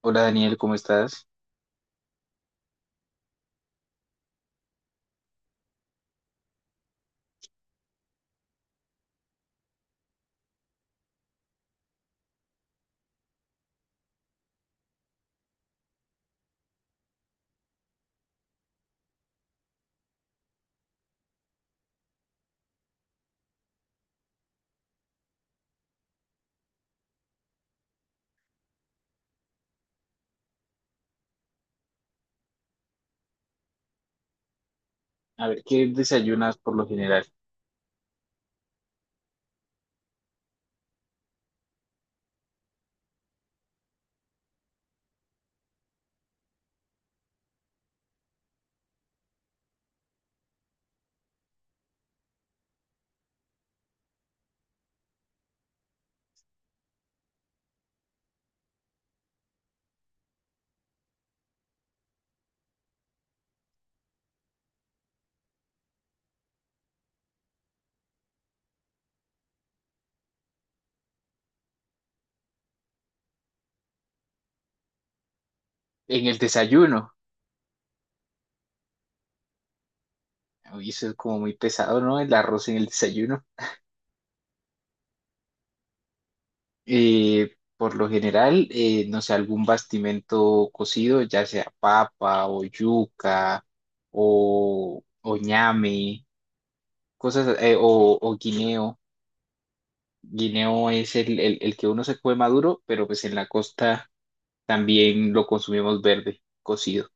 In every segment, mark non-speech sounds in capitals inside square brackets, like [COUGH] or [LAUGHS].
Hola Daniel, ¿cómo estás? A ver, ¿qué desayunas por lo general? En el desayuno. Uy, eso es como muy pesado, ¿no? El arroz en el desayuno. Por lo general, no sé, algún bastimento cocido, ya sea papa o yuca o ñame, cosas, o guineo. Guineo es el que uno se come maduro, pero pues en la costa también lo consumimos verde, cocido.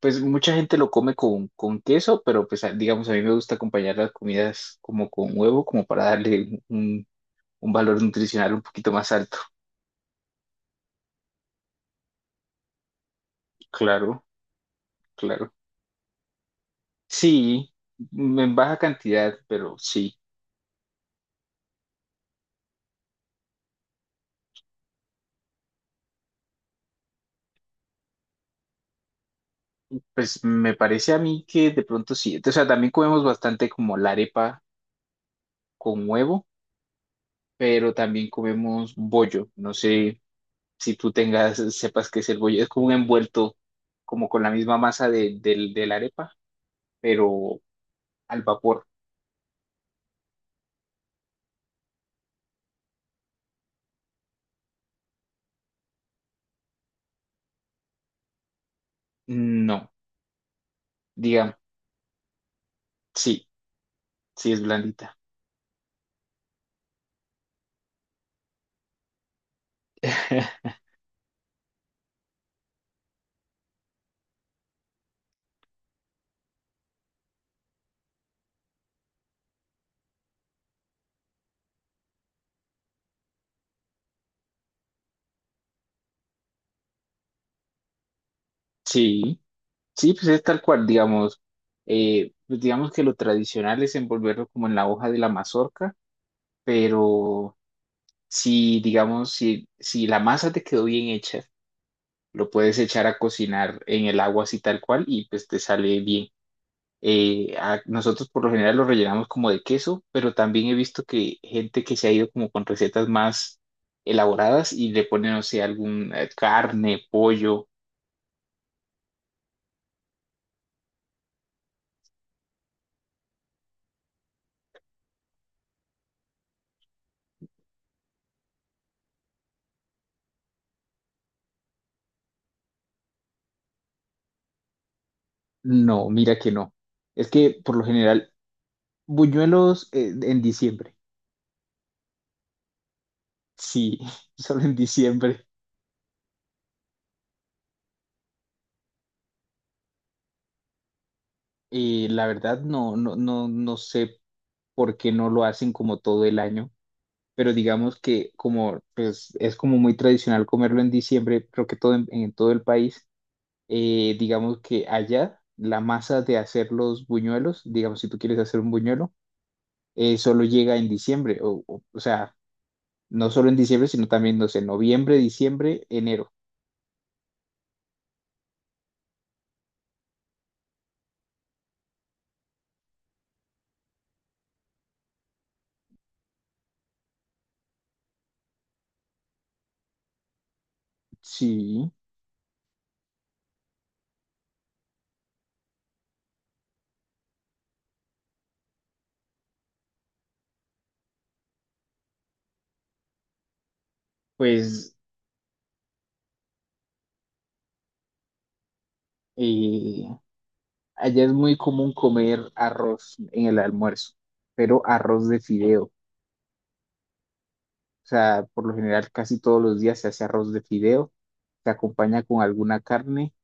Pues mucha gente lo come con queso, pero pues a- digamos, a mí me gusta acompañar las comidas como con huevo, como para darle un valor nutricional un poquito más alto. Claro, claro. Sí, m- en baja cantidad, pero sí. Pues me parece a mí que de pronto sí. O sea, también comemos bastante como la arepa con huevo, pero también comemos bollo. No sé si tú tengas, sepas qué es el bollo. Es como un envuelto, como con la misma masa del de la arepa, pero al vapor. No, digamos, sí, sí es blandita. [LAUGHS] Sí, sí, pues es tal cual, digamos, pues digamos que lo tradicional es envolverlo como en la hoja de la mazorca, pero si, digamos, si la masa te quedó bien hecha, lo puedes echar a cocinar en el agua así tal cual y pues te sale bien. A- nosotros por lo general lo rellenamos como de queso, pero también he visto que gente que se ha ido como con recetas más elaboradas y le ponen, no sé, algún carne, pollo. No, mira que no. Es que por lo general, buñuelos en diciembre. Sí, [LAUGHS] solo en diciembre. La verdad no, no, no, no sé por qué no lo hacen como todo el año, pero digamos que como pues, es como muy tradicional comerlo en diciembre, creo que todo en todo el país. Eh, digamos que allá la masa de hacer los buñuelos, digamos si tú quieres hacer un buñuelo, solo llega en diciembre, o sea, no solo en diciembre, sino también, no sé, noviembre, diciembre, enero. Sí, pues eh, allá es muy común comer arroz en el almuerzo, pero arroz de fideo. O sea, por lo general casi todos los días se hace arroz de fideo, se acompaña con alguna carne,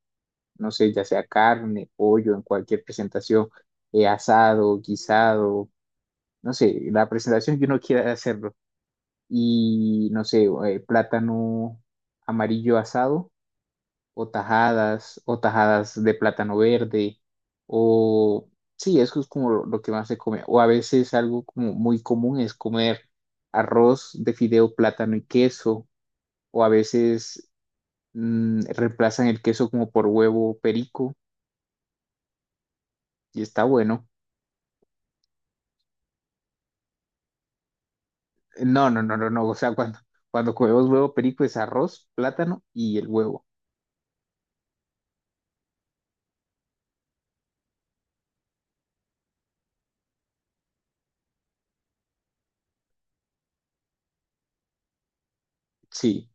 no sé, ya sea carne, pollo, en cualquier presentación, asado, guisado, no sé, la presentación que uno quiera hacerlo. Y no sé, plátano amarillo asado o tajadas de plátano verde o sí, eso es como lo que más se come. O a veces algo como muy común es comer arroz de fideo, plátano y queso o a veces reemplazan el queso como por huevo perico y está bueno. No, no, no, no, no. O sea, cuando comemos huevo perico es arroz, plátano y el huevo. Sí.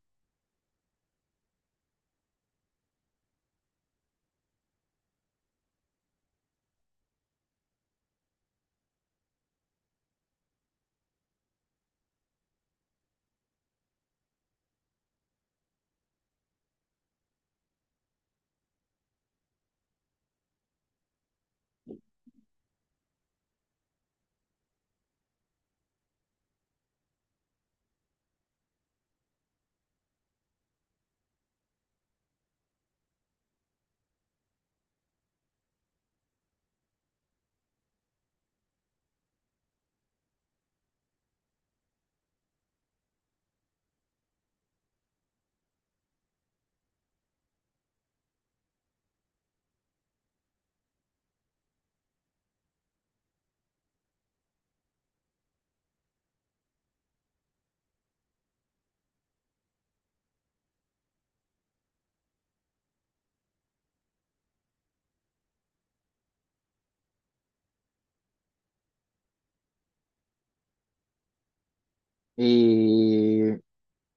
Eh,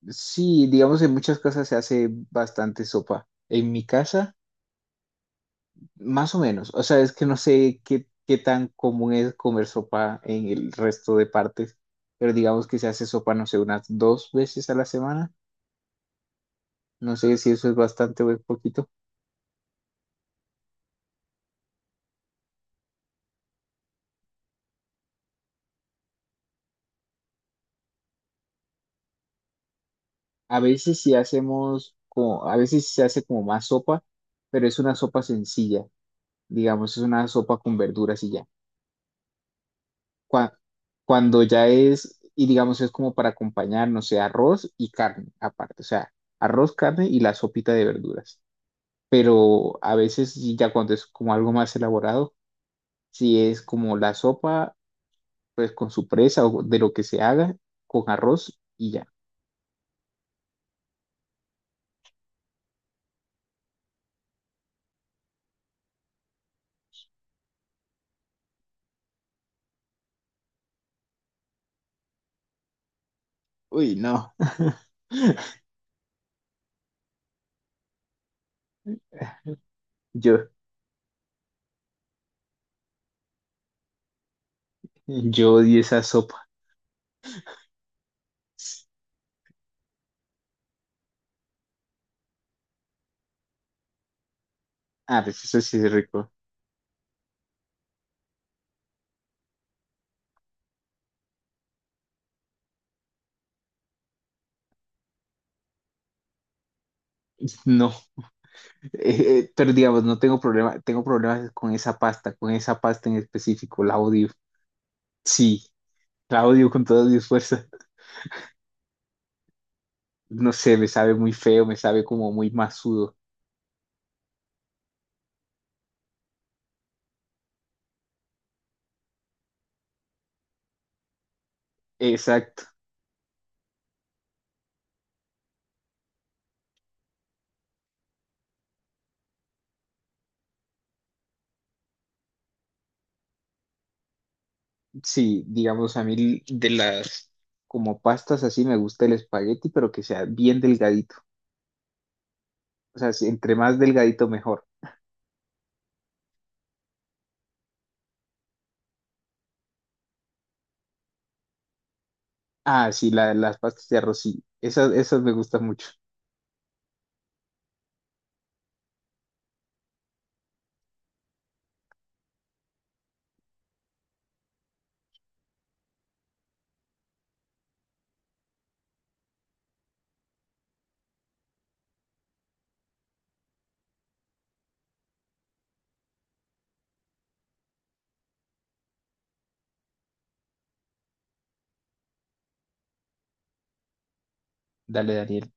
sí, digamos en muchas casas se hace bastante sopa. En mi casa, más o menos. O sea, es que no sé qué, qué tan común es comer sopa en el resto de partes, pero digamos que se hace sopa, no sé, unas 2 veces a la semana. No sé si eso es bastante o es poquito. A veces sí hacemos como, a veces sí se hace como más sopa, pero es una sopa sencilla. Digamos, es una sopa con verduras y ya. Cua- cuando ya es, y digamos, es como para acompañar, no sé, arroz y carne aparte, o sea, arroz, carne y la sopita de verduras. Pero a veces, sí, ya cuando es como algo más elaborado, si es como la sopa, pues con su presa o de lo que se haga, con arroz y ya. Uy, no. [LAUGHS] Yo, yo odio esa sopa. Ah, pues eso sí es rico. No. Pero digamos, no tengo problema, tengo problemas con esa pasta en específico, la odio. Sí, la odio con todas mis fuerzas. [LAUGHS] No sé, me sabe muy feo, me sabe como muy masudo. Exacto. Sí, digamos, a mí de las como pastas así me gusta el espagueti, pero que sea bien delgadito. O sea, si entre más delgadito mejor. Ah, sí, la- las pastas de arroz, sí. Esas, esas me gustan mucho. Dale, Daniel.